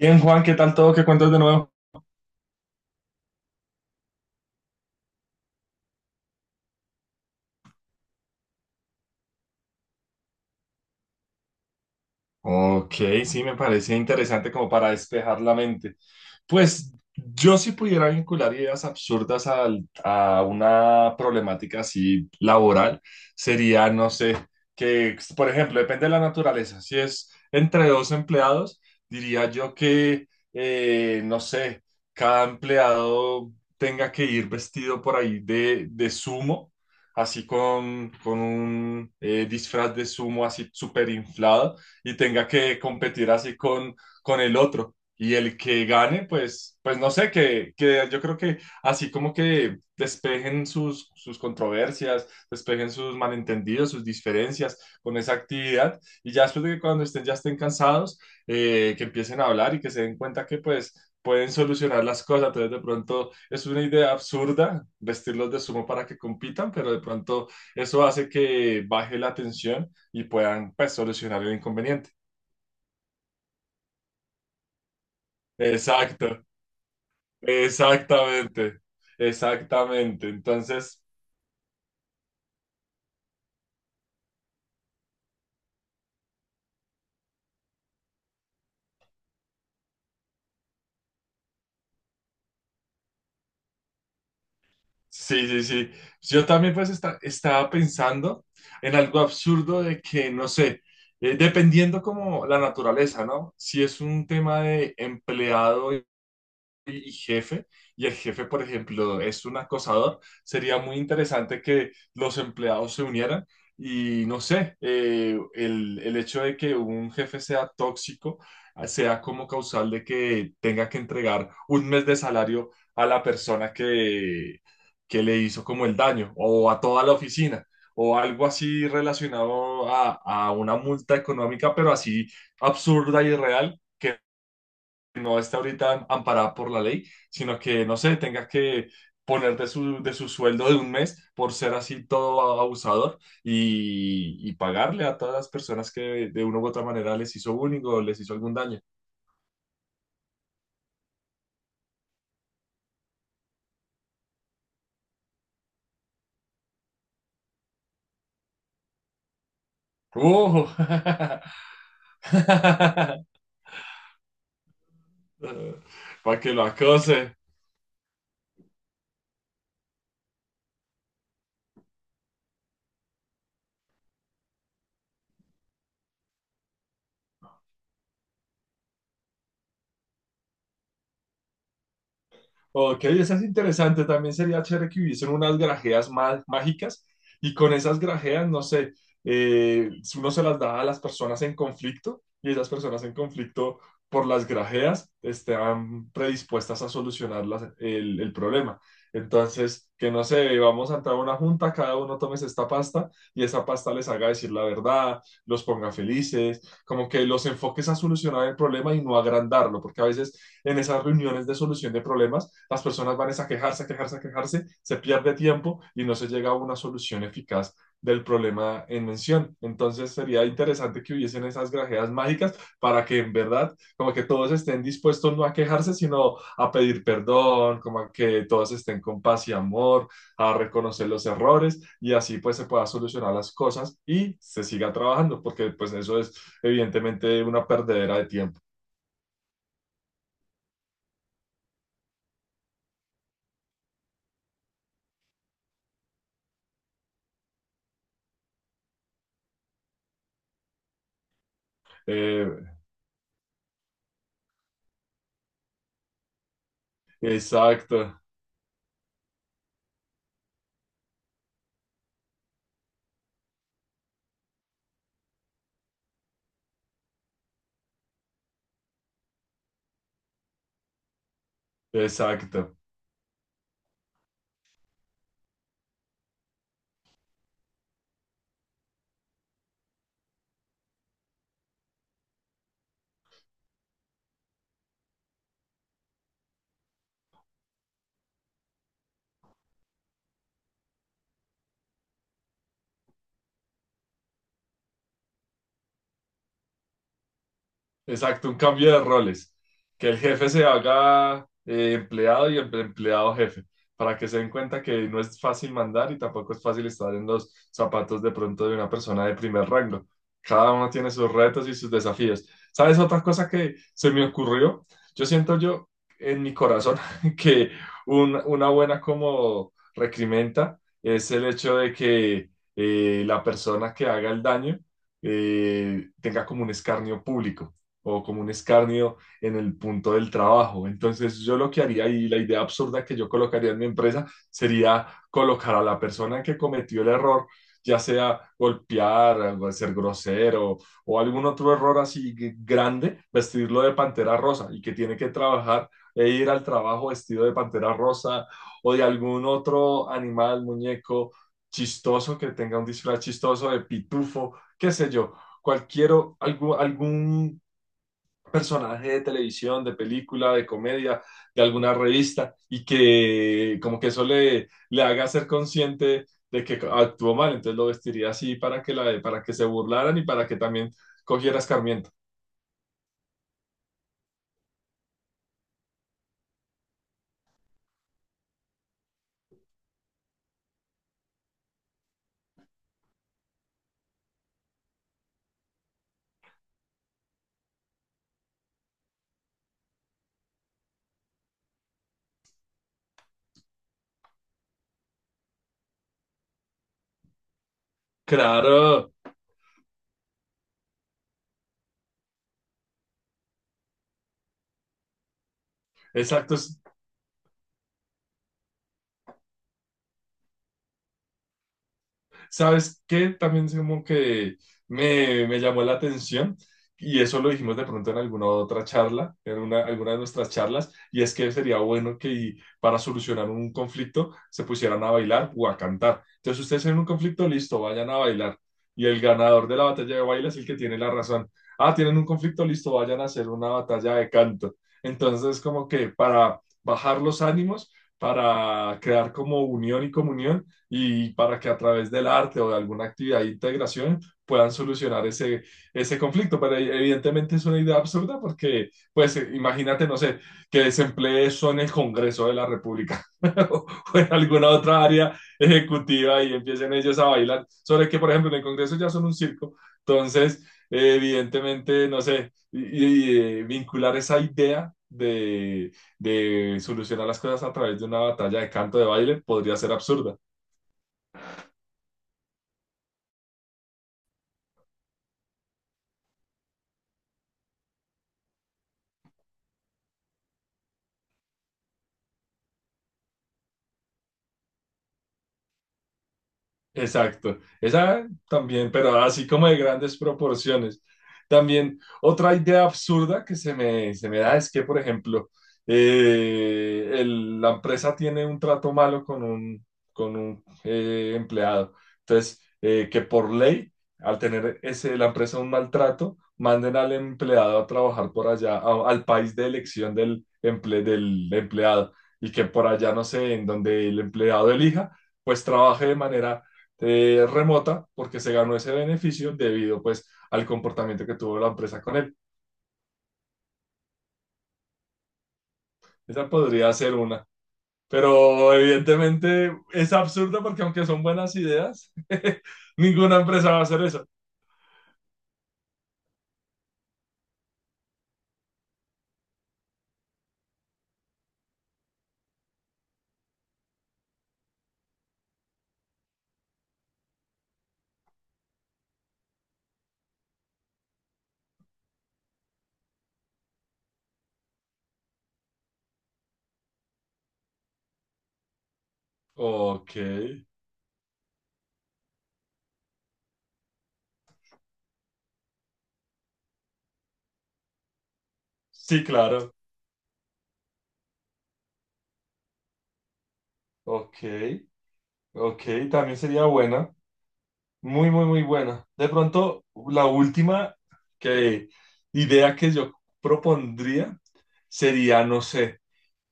Bien, Juan, ¿qué tal todo? ¿Qué cuentas de nuevo? Ok, sí, me parecía interesante como para despejar la mente. Pues yo si pudiera vincular ideas absurdas a una problemática así laboral, sería, no sé, que, por ejemplo, depende de la naturaleza. Si es entre dos empleados, diría yo que, no sé, cada empleado tenga que ir vestido por ahí de sumo, así con un disfraz de sumo así súper inflado y tenga que competir así con el otro. Y el que gane, pues, pues no sé, que yo creo que así como que despejen sus controversias, despejen sus malentendidos, sus diferencias con esa actividad y ya después de que cuando estén, ya estén cansados, que empiecen a hablar y que se den cuenta que pues pueden solucionar las cosas. Entonces, de pronto es una idea absurda vestirlos de sumo para que compitan, pero de pronto eso hace que baje la tensión y puedan pues, solucionar el inconveniente. Exacto, exactamente, exactamente. Entonces, sí, sí, sí. Yo también pues estaba pensando en algo absurdo de que, no sé, dependiendo como la naturaleza, ¿no? Si es un tema de empleado y jefe, y el jefe, por ejemplo, es un acosador, sería muy interesante que los empleados se unieran y no sé, el hecho de que un jefe sea tóxico ah, sea como causal de que tenga que entregar un mes de salario a la persona que le hizo como el daño o a toda la oficina. O algo así relacionado a una multa económica, pero así absurda y real que no esté ahorita amparada por la ley, sino que, no sé, tenga que poner de de su sueldo de un mes por ser así todo abusador y pagarle a todas las personas que de una u otra manera les hizo bullying o les hizo algún daño. ¡Uh! Para que lo acose. Ok, esa es interesante. También sería chévere que hubiesen unas grajeas mágicas y con esas grajeas, no sé, eh, uno se las da a las personas en conflicto y esas personas en conflicto por las grajeas están predispuestas a solucionar el problema. Entonces, que no sé, vamos a entrar a una junta, cada uno tomes esta pasta y esa pasta les haga decir la verdad, los ponga felices, como que los enfoques a solucionar el problema y no agrandarlo, porque a veces en esas reuniones de solución de problemas, las personas van a quejarse, a quejarse, a quejarse, se pierde tiempo y no se llega a una solución eficaz del problema en mención. Entonces sería interesante que hubiesen esas grajeas mágicas para que en verdad como que todos estén dispuestos no a quejarse, sino a pedir perdón, como a que todos estén con paz y amor, a reconocer los errores y así pues se pueda solucionar las cosas y se siga trabajando, porque pues eso es evidentemente una perdedera de tiempo. Eh, exacto. Exacto. Exacto, un cambio de roles. Que el jefe se haga empleado y el empleado jefe, para que se den cuenta que no es fácil mandar y tampoco es fácil estar en los zapatos de pronto de una persona de primer rango. Cada uno tiene sus retos y sus desafíos. ¿Sabes otra cosa que se me ocurrió? Yo siento yo en mi corazón que una buena como recrimenta es el hecho de que la persona que haga el daño tenga como un escarnio público o como un escarnio en el punto del trabajo. Entonces yo lo que haría y la idea absurda que yo colocaría en mi empresa sería colocar a la persona que cometió el error, ya sea golpear, o ser grosero o algún otro error así grande, vestirlo de pantera rosa y que tiene que trabajar e ir al trabajo vestido de pantera rosa o de algún otro animal, muñeco chistoso que tenga un disfraz chistoso de pitufo, qué sé yo, cualquier algún personaje de televisión, de película, de comedia, de alguna revista, y que como que eso le haga ser consciente de que actuó mal, entonces lo vestiría así para que, la, para que se burlaran y para que también cogiera escarmiento. Claro, exacto. ¿Sabes qué? También es como que me llamó la atención y eso lo dijimos de pronto en alguna otra charla, en una, alguna de nuestras charlas, y es que sería bueno que para solucionar un conflicto se pusieran a bailar o a cantar. Entonces ustedes tienen un conflicto, listo, vayan a bailar. Y el ganador de la batalla de baile es el que tiene la razón. Ah, tienen un conflicto, listo, vayan a hacer una batalla de canto. Entonces, como que para bajar los ánimos, para crear como unión y comunión, y para que a través del arte o de alguna actividad de integración puedan solucionar ese, ese conflicto. Pero e, evidentemente es una idea absurda porque, pues, imagínate, no sé, que desemplee eso en el Congreso de la República o en alguna otra área ejecutiva y empiecen ellos a bailar. Sobre que, por ejemplo, en el Congreso ya son un circo. Entonces, evidentemente, no sé, y, vincular esa idea de solucionar las cosas a través de una batalla de canto de baile podría ser absurda. Exacto, esa también, pero así como de grandes proporciones. También otra idea absurda que se me da es que, por ejemplo, la empresa tiene un trato malo con un empleado. Entonces, que por ley, al tener ese, la empresa un maltrato, manden al empleado a trabajar por allá, al país de elección del, del empleado, y que por allá, no sé, en donde el empleado elija, pues trabaje de manera remota porque se ganó ese beneficio debido pues al comportamiento que tuvo la empresa con él. Esa podría ser una. Pero evidentemente es absurda porque aunque son buenas ideas, ninguna empresa va a hacer eso. Ok, sí, claro. Ok, ok, también sería buena. Muy, muy, muy buena. De pronto, la última que, idea que yo propondría sería, no sé,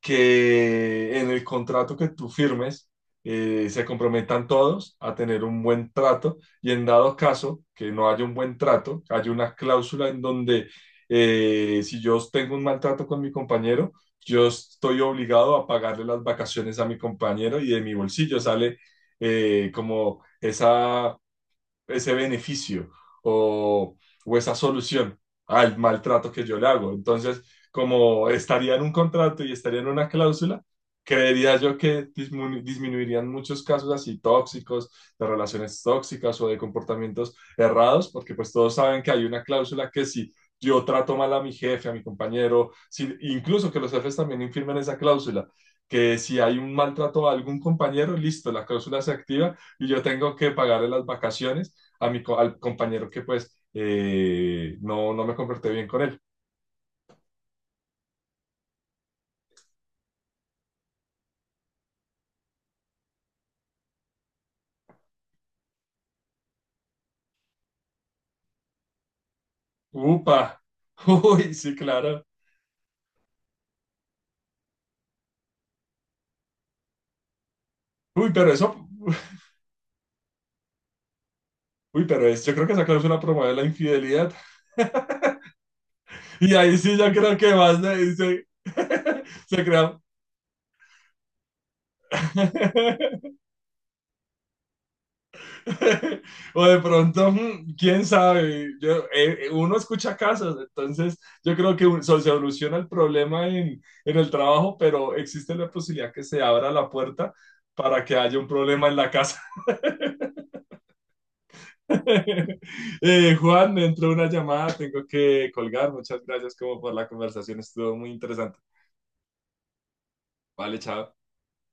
que en el contrato que tú firmes se comprometan todos a tener un buen trato y en dado caso que no haya un buen trato, hay una cláusula en donde si yo tengo un maltrato con mi compañero, yo estoy obligado a pagarle las vacaciones a mi compañero y de mi bolsillo sale como esa ese beneficio o, o esa solución al maltrato que yo le hago. Entonces, como estaría en un contrato y estaría en una cláusula, creería yo que disminuirían muchos casos así tóxicos, de relaciones tóxicas o de comportamientos errados, porque pues todos saben que hay una cláusula que si yo trato mal a mi jefe, a mi compañero, si, incluso que los jefes también infirmen esa cláusula, que si hay un maltrato a algún compañero, listo, la cláusula se activa y yo tengo que pagarle las vacaciones a mi, al compañero que pues no, no me comporté bien con él. Upa, uy, sí, claro. Uy, pero eso, uy, pero es, yo creo que esa cláusula promueve la infidelidad. Y ahí sí, yo creo que más le dice, se crea. O de pronto, mm, quién sabe. Uno escucha casos, entonces yo creo que se soluciona el problema en el trabajo, pero existe la posibilidad que se abra la puerta para que haya un problema en la casa. Juan, me entró una llamada, tengo que colgar. Muchas gracias como por la conversación, estuvo muy interesante. Vale, chao.